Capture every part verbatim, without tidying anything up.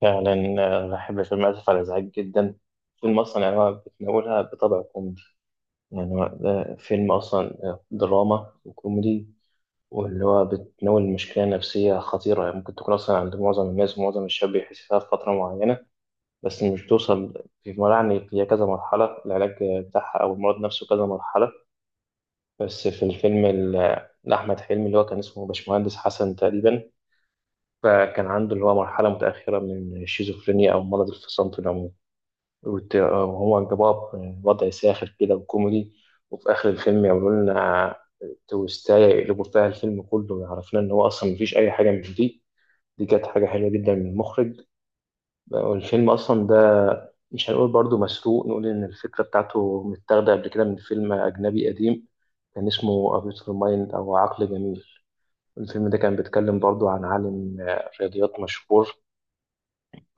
فعلا آه، بحب فيلم آسف على الإزعاج جدا. فيلم أصلا يعني هو بتناولها بطبع كوميدي. يعني هو ده فيلم أصلا آه، دراما وكوميدي، واللي هو بتناول مشكلة نفسية خطيرة، يعني ممكن تكون أصلا عند معظم الناس، ومعظم الشباب بيحس فيها في فترة معينة. بس مش بتوصل في مرحلة، يعني هي كذا مرحلة، العلاج بتاعها أو المرض نفسه كذا مرحلة. بس في الفيلم ال- لأحمد حلمي، اللي هو كان اسمه باشمهندس حسن تقريبا، فكان عنده اللي هو مرحلة متأخرة من الشيزوفرينيا أو مرض الفصام في العموم. وت- وهو جابوها بوضع ساخر كده وكوميدي، وفي آخر الفيلم يعملوا لنا تويستاية يقلبوا فيها الفيلم كله، ويعرفنا إن هو أصلا مفيش أي حاجة من دي. دي كانت حاجة حلوة جدا من المخرج. والفيلم أصلا ده مش هنقول برضو مسروق، نقول إن الفكرة بتاعته متاخدة قبل كده من فيلم أجنبي قديم كان اسمه A Beautiful Mind أو عقل جميل. الفيلم ده كان بيتكلم برضو عن عالم آه، رياضيات مشهور،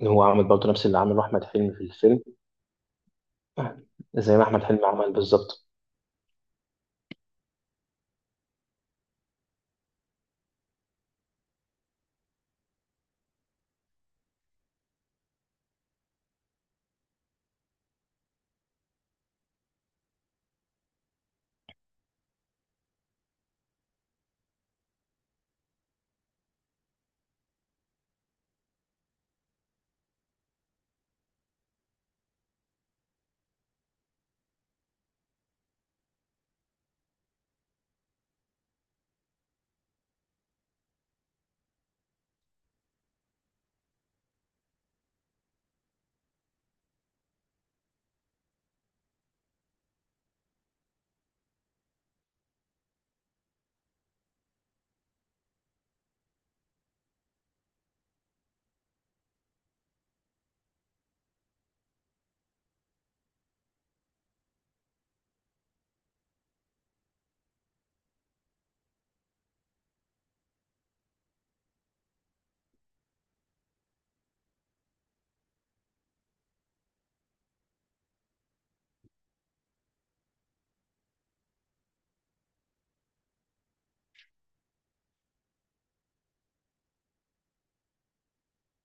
هو عامل برضو نفس اللي عمله أحمد حلمي في الفيلم، زي ما أحمد حلمي عمل بالظبط.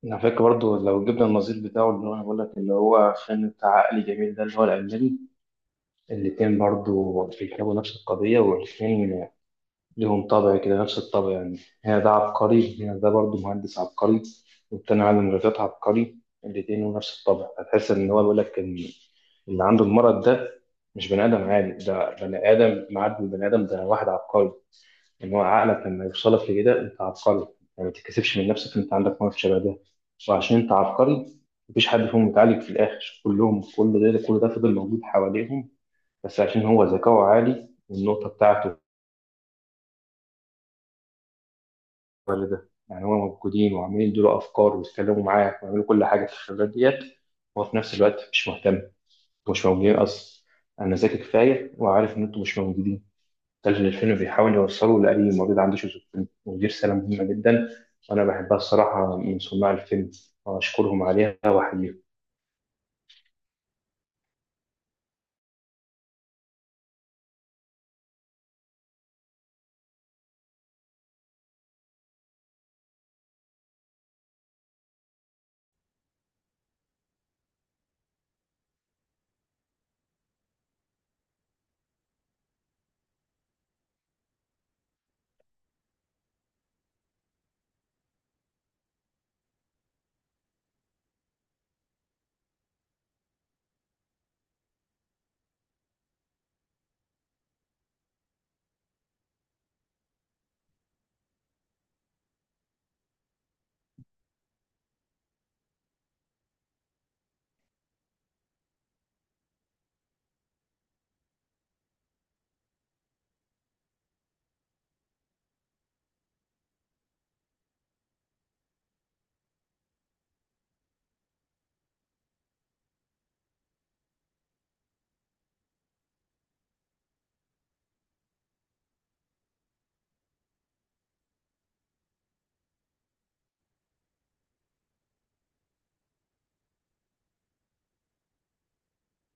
على فكرة برضو، لو جبنا النظير بتاعه، اللي هو أنا بقول لك اللي هو فيلم بتاع عقل جميل ده، اللي هو الألماني، الاتنين برضو بيتكلموا نفس القضية، والاتنين ليهم طابع كده، نفس الطابع يعني. هنا ده عبقري، هنا ده برضو مهندس عبقري، والتاني عالم رياضيات عبقري. الاتنين لهم نفس الطابع، هتحس إن هو بيقول لك إن اللي عنده المرض ده مش بني آدم عادي، ده بني آدم معدي، البني آدم ده واحد عبقري. ان هو عقلك لما يوصلك لكده انت عبقري، يعني ما تتكسفش من نفسك ان انت عندك موقف شبه ده، وعشان انت عبقري مفيش حد فيهم متعالج في الاخر، كلهم كل ده كل ده فضل موجود حواليهم، بس عشان هو ذكاؤه عالي، والنقطه بتاعته ده، يعني هو موجودين وعمالين يدوا افكار ويتكلموا معاك ويعملوا كل حاجه في الخبرات ديت، وهو في نفس الوقت مش مهتم. مش موجودين اصلا، انا ذكي كفايه وعارف ان انتوا مش موجودين. مسلسل الفيلم بيحاول يوصله لأي مريض عنده شيزوفرينيا، ودي رسالة مهمة جدا، وأنا بحبها الصراحة من صناع الفيلم، وأشكرهم عليها وأحييهم.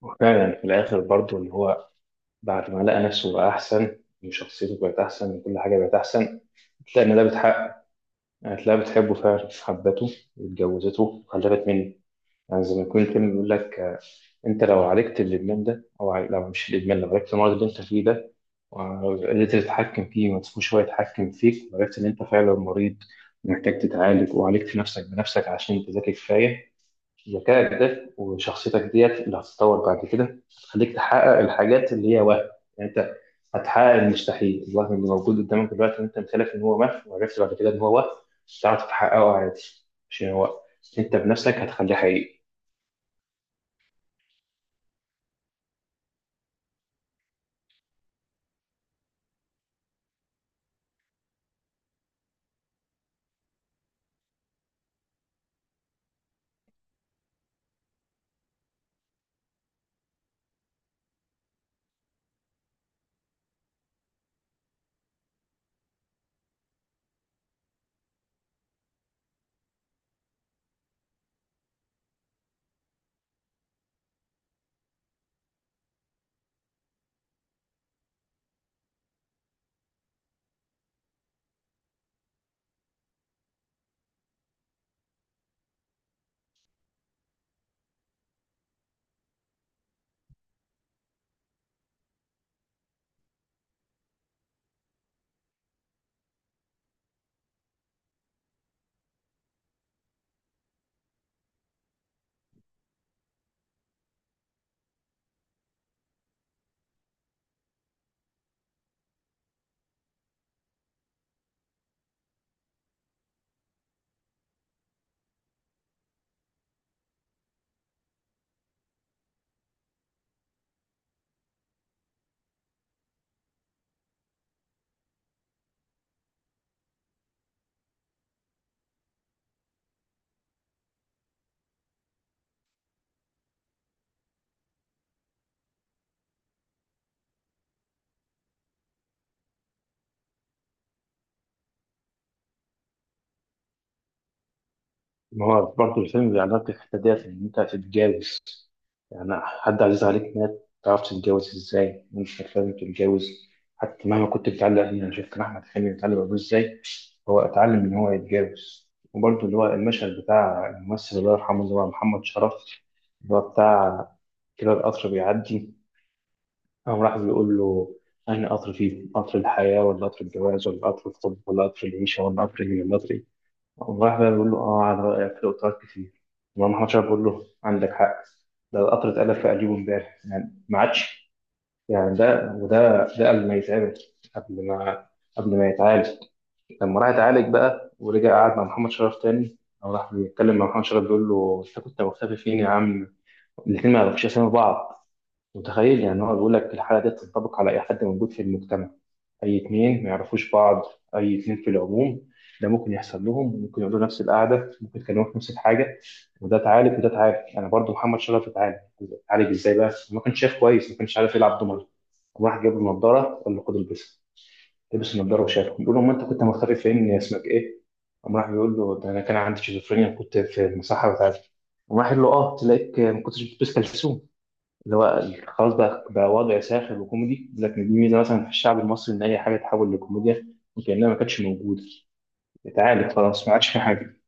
وفعلا في الآخر برضو إن هو بعد ما لقى نفسه بقى أحسن، وشخصيته بقت أحسن، وكل حاجة بقت أحسن، هتلاقي إن ده بتحقق، هتلاقيها بتحبه فعلا، حبته واتجوزته وخلفت منه. يعني زي ما يكون الفيلم بيقول لك انت لو عالجت الادمان ده، او عال- لو مش الادمان، لو عالجت المرض اللي انت فيه ده، وقدرت تتحكم فيه وما تسيبوش هو يتحكم فيك، وعرفت ان انت فعلا مريض محتاج تتعالج، وعالجت نفسك بنفسك عشان تذاكر كفايه، ذكائك ده وشخصيتك ديت اللي هتتطور بعد كده هتخليك تحقق الحاجات اللي هي وهم. يعني انت هتحقق المستحيل، الوهم اللي موجود قدامك دلوقتي ان انت مثالك ان هو وهم، وعرفت بعد كده ان هو وهم، تعرف تحققه عادي، عشان هو انت بنفسك هتخليه حقيقي. ما هو برضه الفيلم بيعرض لك الحتة ديت، إن أنت هتتجوز، يعني حد عزيز عليك مات، متعرفش تتجوز إزاي، مش فاهم تتجوز حتى مهما كنت متعلق بيه. أنا شفت أحمد حلمي متعلق بأبوه إزاي، هو اتعلم إن هو يتجوز، وبرضه اللي هو المشهد بتاع الممثل الله يرحمه اللي هو محمد شرف، اللي هو بتاع كده، القطر بيعدي، قام راح بيقول له أنا قطر، فيه قطر الحياة ولا قطر الجواز ولا قطر الحب ولا قطر العيشة ولا قطر إيه ولا قطر إيه؟" والله بقى بقول له اه، على رأيك في قطارات كتير. والله محمد شاف بقول له عندك حق، ده القطر اتقلب في قليبه امبارح يعني، ما عادش، يعني ده وده ده قبل ما يتعمل، قبل ما قبل ما يتعالج. لما راح يتعالج بقى ورجع قعد مع محمد شرف تاني، او راح بيتكلم مع محمد شرف بيقول له انت كنت مختفي فين يا عم، الاثنين ما يعرفوش اسامي بعض. متخيل؟ يعني هو بيقول لك الحاله دي تنطبق على اي حد موجود في المجتمع، اي اتنين ما يعرفوش بعض، اي اتنين في العموم، ده ممكن يحصل لهم، ممكن يقعدوا نفس القعده، ممكن يتكلموا في نفس الحاجه، وده اتعالج وده اتعالج، انا برضو محمد شرف اتعالج. اتعالج ازاي بقى؟ ما كانش شايف كويس، ما كانش عارف يلعب دومنه، راح جاب له نضاره، قال له خد البسها، لبس النضاره وشافه بيقول له ما انت كنت مختفي فين؟ اسمك ايه؟ قام راح بيقول له ده انا كان عندي شيزوفرينيا، كنت في المصحه بتاعتي، قام راح قال له اه، تلاقيك ما كنتش بتلبس كلسون، اللي هو خلاص. بقى بقى وضع ساخر وكوميدي، لكن دي ميزه مثلا في الشعب المصري ان اي حاجه تحول لكوميديا، وكانها ما كانتش موجوده، اتعالج خلاص ما عادش في حاجه.